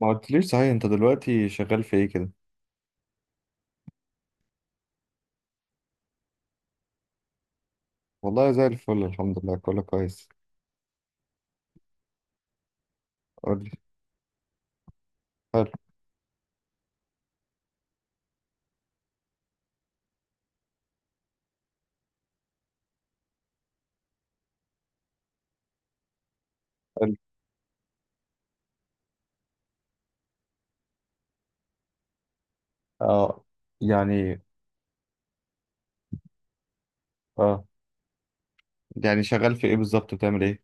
ما قلتليش صحيح، انت دلوقتي شغال في ايه كده؟ والله زي الفل، الحمد لله، كله كويس. قولي. حلو. حلو. اه يعني اه يعني شغال في ايه بالظبط، بتعمل ايه؟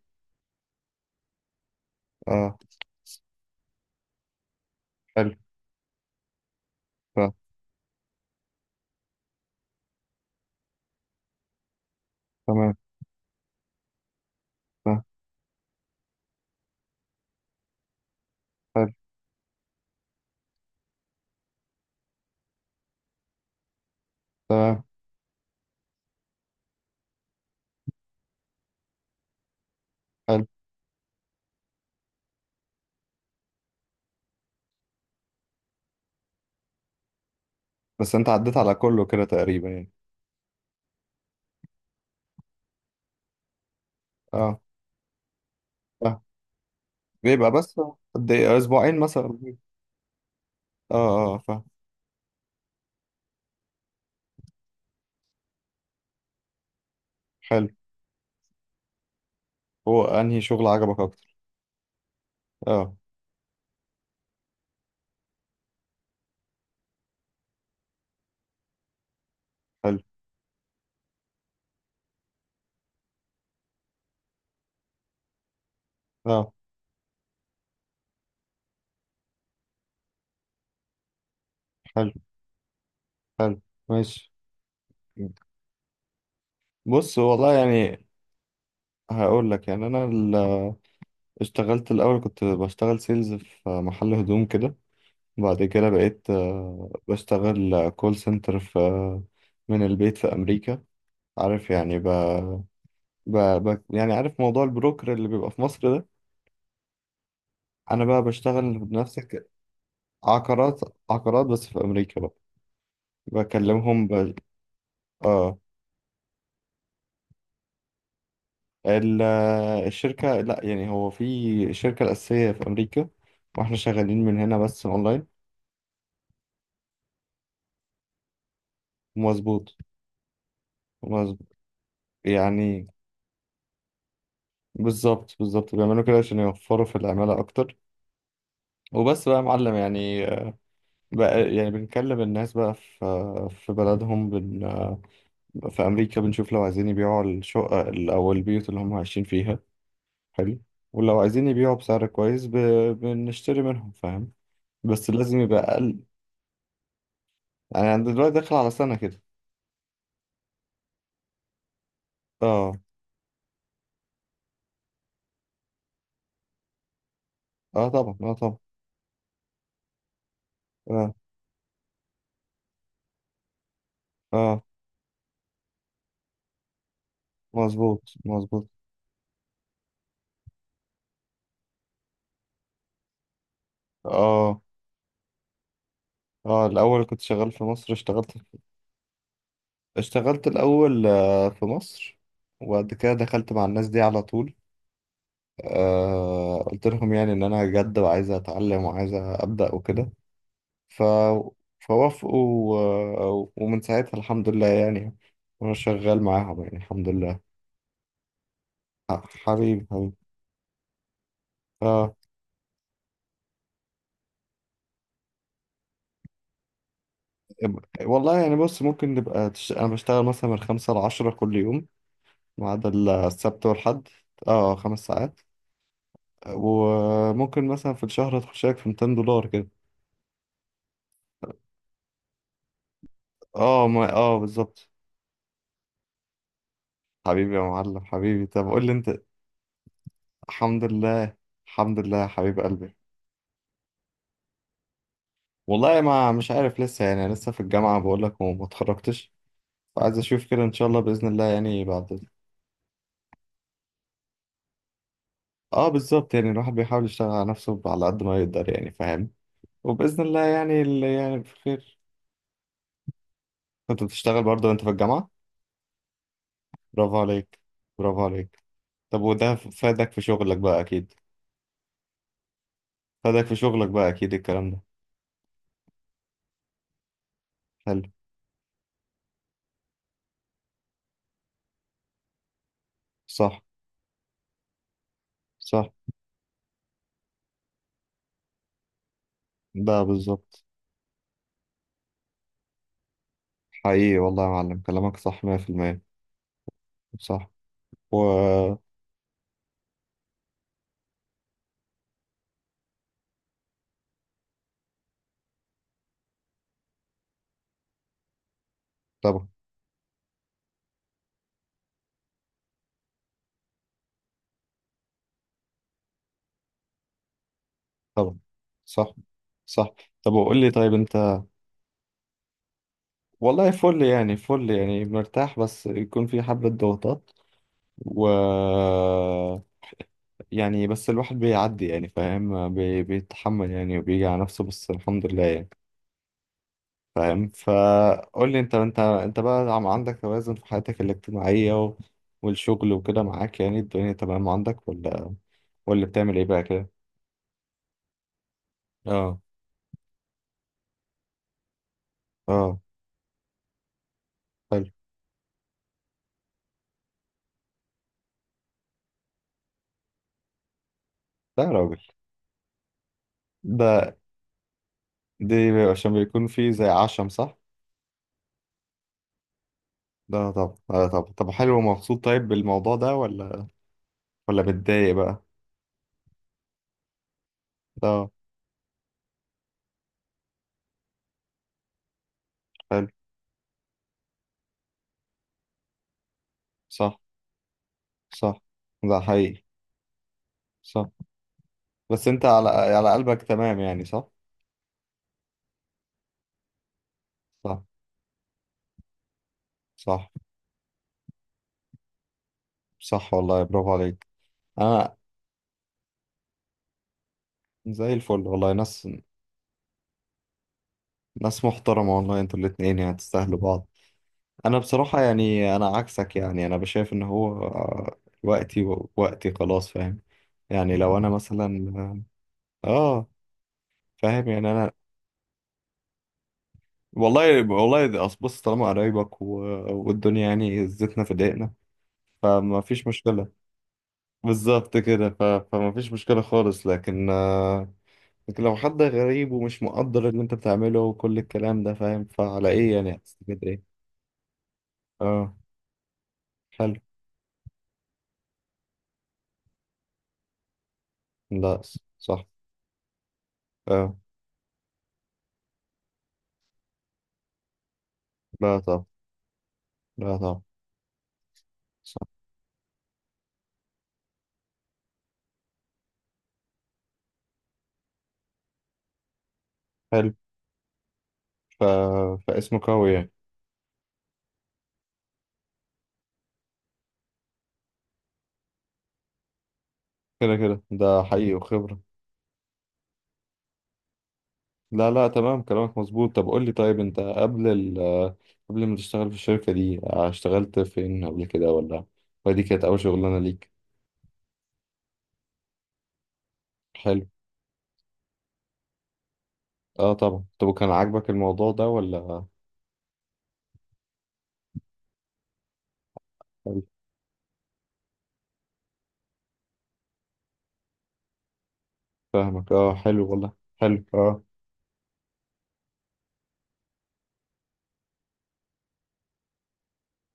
اه. حلو. ف- تمام. ف- حلو. تمام. حلو. بس انت عديت على كله كده تقريبا يعني. اه، اه. بيبقى بس، قد ايه؟ اسبوعين مثلا؟ اه، اه، فاهم. حلو. هو انهي شغل عجبك اكتر؟ اه. حلو. اه. حلو. حلو. ماشي. بص، والله يعني، هقول لك يعني، انا اشتغلت الأول، كنت بشتغل سيلز في محل هدوم كده. بعد كده بقيت بشتغل كول سنتر في من البيت في أمريكا. عارف يعني، يعني عارف موضوع البروكر اللي بيبقى في مصر ده. أنا بقى بشتغل بنفس عقارات، عقارات بس في أمريكا بقى. بكلمهم. آه الشركة، لا يعني، هو في الشركة الأساسية في أمريكا، وإحنا شغالين من هنا بس أونلاين. مظبوط. مظبوط. يعني. بالظبط، بالظبط، بيعملوا كده عشان يوفروا في العمالة أكتر. وبس بقى يا معلم، يعني. بقى يعني بنكلم الناس بقى في بلدهم، في أمريكا بنشوف لو عايزين يبيعوا الشقة أو البيوت اللي هم عايشين فيها. حلو. ولو عايزين يبيعوا بسعر كويس، بنشتري منهم، فاهم. بس لازم يبقى أقل. يعني أنا دلوقتي داخل على سنة كده. اه. اه، طبعا، اه، طبعا. اه، اه، مظبوط، مظبوط. اه، اه، الأول كنت شغال في مصر، اشتغلت. اشتغلت الأول في مصر، وبعد كده دخلت مع الناس دي على طول. قلت لهم يعني إن أنا جد وعايز أتعلم وعايز أبدأ وكده. ف... فوافقوا. ومن ساعتها الحمد لله يعني، وأنا شغال معاهم يعني الحمد لله. حبيبي، حبيبي. آه. والله يعني، بص، ممكن نبقى أنا بشتغل مثلا من خمسة لعشرة كل يوم، ما عدا السبت والحد. اه، خمس ساعات. وممكن مثلا في الشهر أدخل شايك في $200 كده. اه، ما، اه، بالظبط. حبيبي يا معلم، حبيبي، طب قول لي انت. الحمد لله، الحمد لله، حبيب قلبي. والله ما مش عارف لسه يعني، أنا لسه في الجامعة بقول لك، وما اتخرجتش، فعايز اشوف كده ان شاء الله، بإذن الله يعني بعد. اه، بالظبط يعني، الواحد بيحاول يشتغل على نفسه على قد ما يقدر يعني، فاهم. وبإذن الله يعني، اللي يعني في خير. كنت بتشتغل برضه وانت في الجامعة؟ برافو عليك. برافو عليك. طب وده فادك في شغلك بقى، اكيد. فادك في شغلك بقى، اكيد الكلام ده. حلو. صح. صح. ده بالظبط. حقيقي والله يا معلم، كلامك صح 100%. صح. و طبعا. طبعا. صح، صح. طب وقول لي، طيب انت. والله فل يعني، فل يعني، مرتاح بس يكون في حبة ضغوطات، و يعني بس الواحد بيعدي يعني، فاهم، بيتحمل يعني، وبيجي على نفسه، بس الحمد لله يعني. فاهم، فقول لي، انت بقى، عندك توازن في حياتك الاجتماعية و والشغل وكده معاك، يعني الدنيا تمام عندك، ولا ولا بتعمل ايه بقى كده؟ اه. اه. حلو. لا يا راجل. ده دي، عشان بيكون في زي عشم، صح؟ لا طب، لا طب، طب، حلو ومبسوط طيب بالموضوع ده، ولا ولا متضايق بقى؟ اه. حلو. صح. صح. ده حقيقي. صح. بس انت على قلبك تمام يعني، صح؟ صح، صح، صح، والله برافو عليك. انا زي الفل والله، ناس، ناس محترمة والله، انتوا الاتنين يعني تستاهلوا بعض. انا بصراحة يعني، انا عكسك يعني، انا بشايف ان هو وقتي وقتي خلاص، فاهم. يعني لو انا مثلا آه، فاهم يعني انا. والله، والله، ده أصل بص، طالما قرايبك و والدنيا يعني زيتنا في دقيقنا، فما فيش مشكلة. بالظبط كده، فما فيش مشكلة خالص، لكن لكن لو حد غريب ومش مقدر اللي انت بتعمله وكل الكلام ده، فاهم؟ فعلى ايه يعني؟ هتستفيد ايه؟ اه. حلو. لا. صح. اه. لا طب. لا طب. حلو. ف... فاسمه قوي يعني. كده كده، ده حقيقي، وخبرة. لا، لا، تمام، كلامك مظبوط. طب قول لي، طيب انت قبل قبل ما تشتغل في الشركة دي، اشتغلت فين قبل كده، ولا ودي كانت أول شغلانة ليك؟ حلو. اه، طبعا. طب وكان عاجبك الموضوع ده ولا؟ حلو. فاهمك، اه، حلو والله، حلو، اه.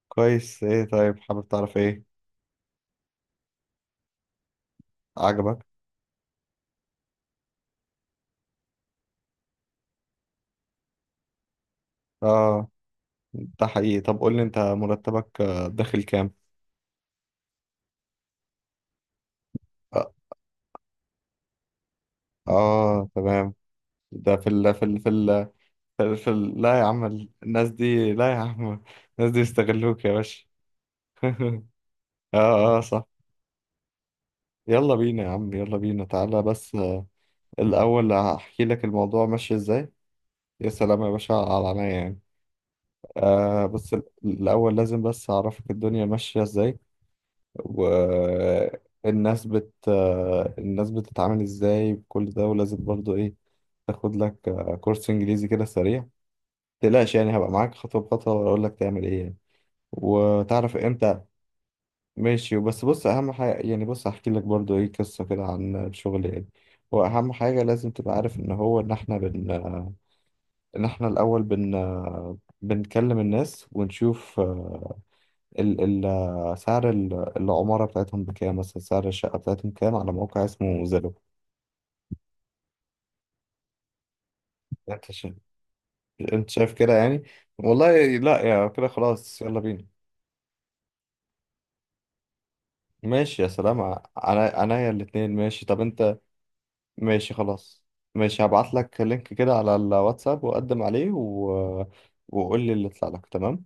كويس، ايه، طيب، حابب تعرف ايه؟ عجبك. اه، ده حقيقي. طب قول لي انت، مرتبك داخل كام؟ اه، آه، تمام. ده في ال لا يا عم، الناس دي، لا يا عم، الناس دي يستغلوك يا باشا. اه، اه، صح. يلا بينا يا عم، يلا بينا، تعالى بس الأول هحكي لك الموضوع ماشي ازاي. يا سلام يا باشا، على عينيا يعني. بس الأول لازم بس أعرفك الدنيا ماشية ازاي، والناس الناس بتتعامل ازاي بكل ده، ولازم برضو ايه، تاخد لك كورس انجليزي كده سريع. متقلقش يعني، هبقى معاك خطوة بخطوة واقول لك تعمل ايه يعني. وتعرف امتى. ماشي، بس بص، اهم حاجه يعني، بص هحكي لك برضو ايه قصه كده عن الشغل يعني. هو اهم حاجه لازم تبقى عارف ان هو، ان احنا ان احنا الاول بنكلم الناس ونشوف ال سعر العماره بتاعتهم بكام مثلا، سعر الشقه بتاعتهم كام، على موقع اسمه زيلو. انت شايف انت شايف كده يعني؟ والله، لا يا، كده خلاص، يلا بينا. ماشي، يا سلام، عينيا الاتنين، ماشي، طب انت. ماشي، خلاص. ماشي، هبعت لك لينك كده على الواتساب وقدم عليه، و وقول لي اللي يطلع لك، تمام.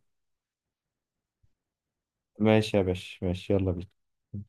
ماشي يا باشا، ماشي، يلا بينا.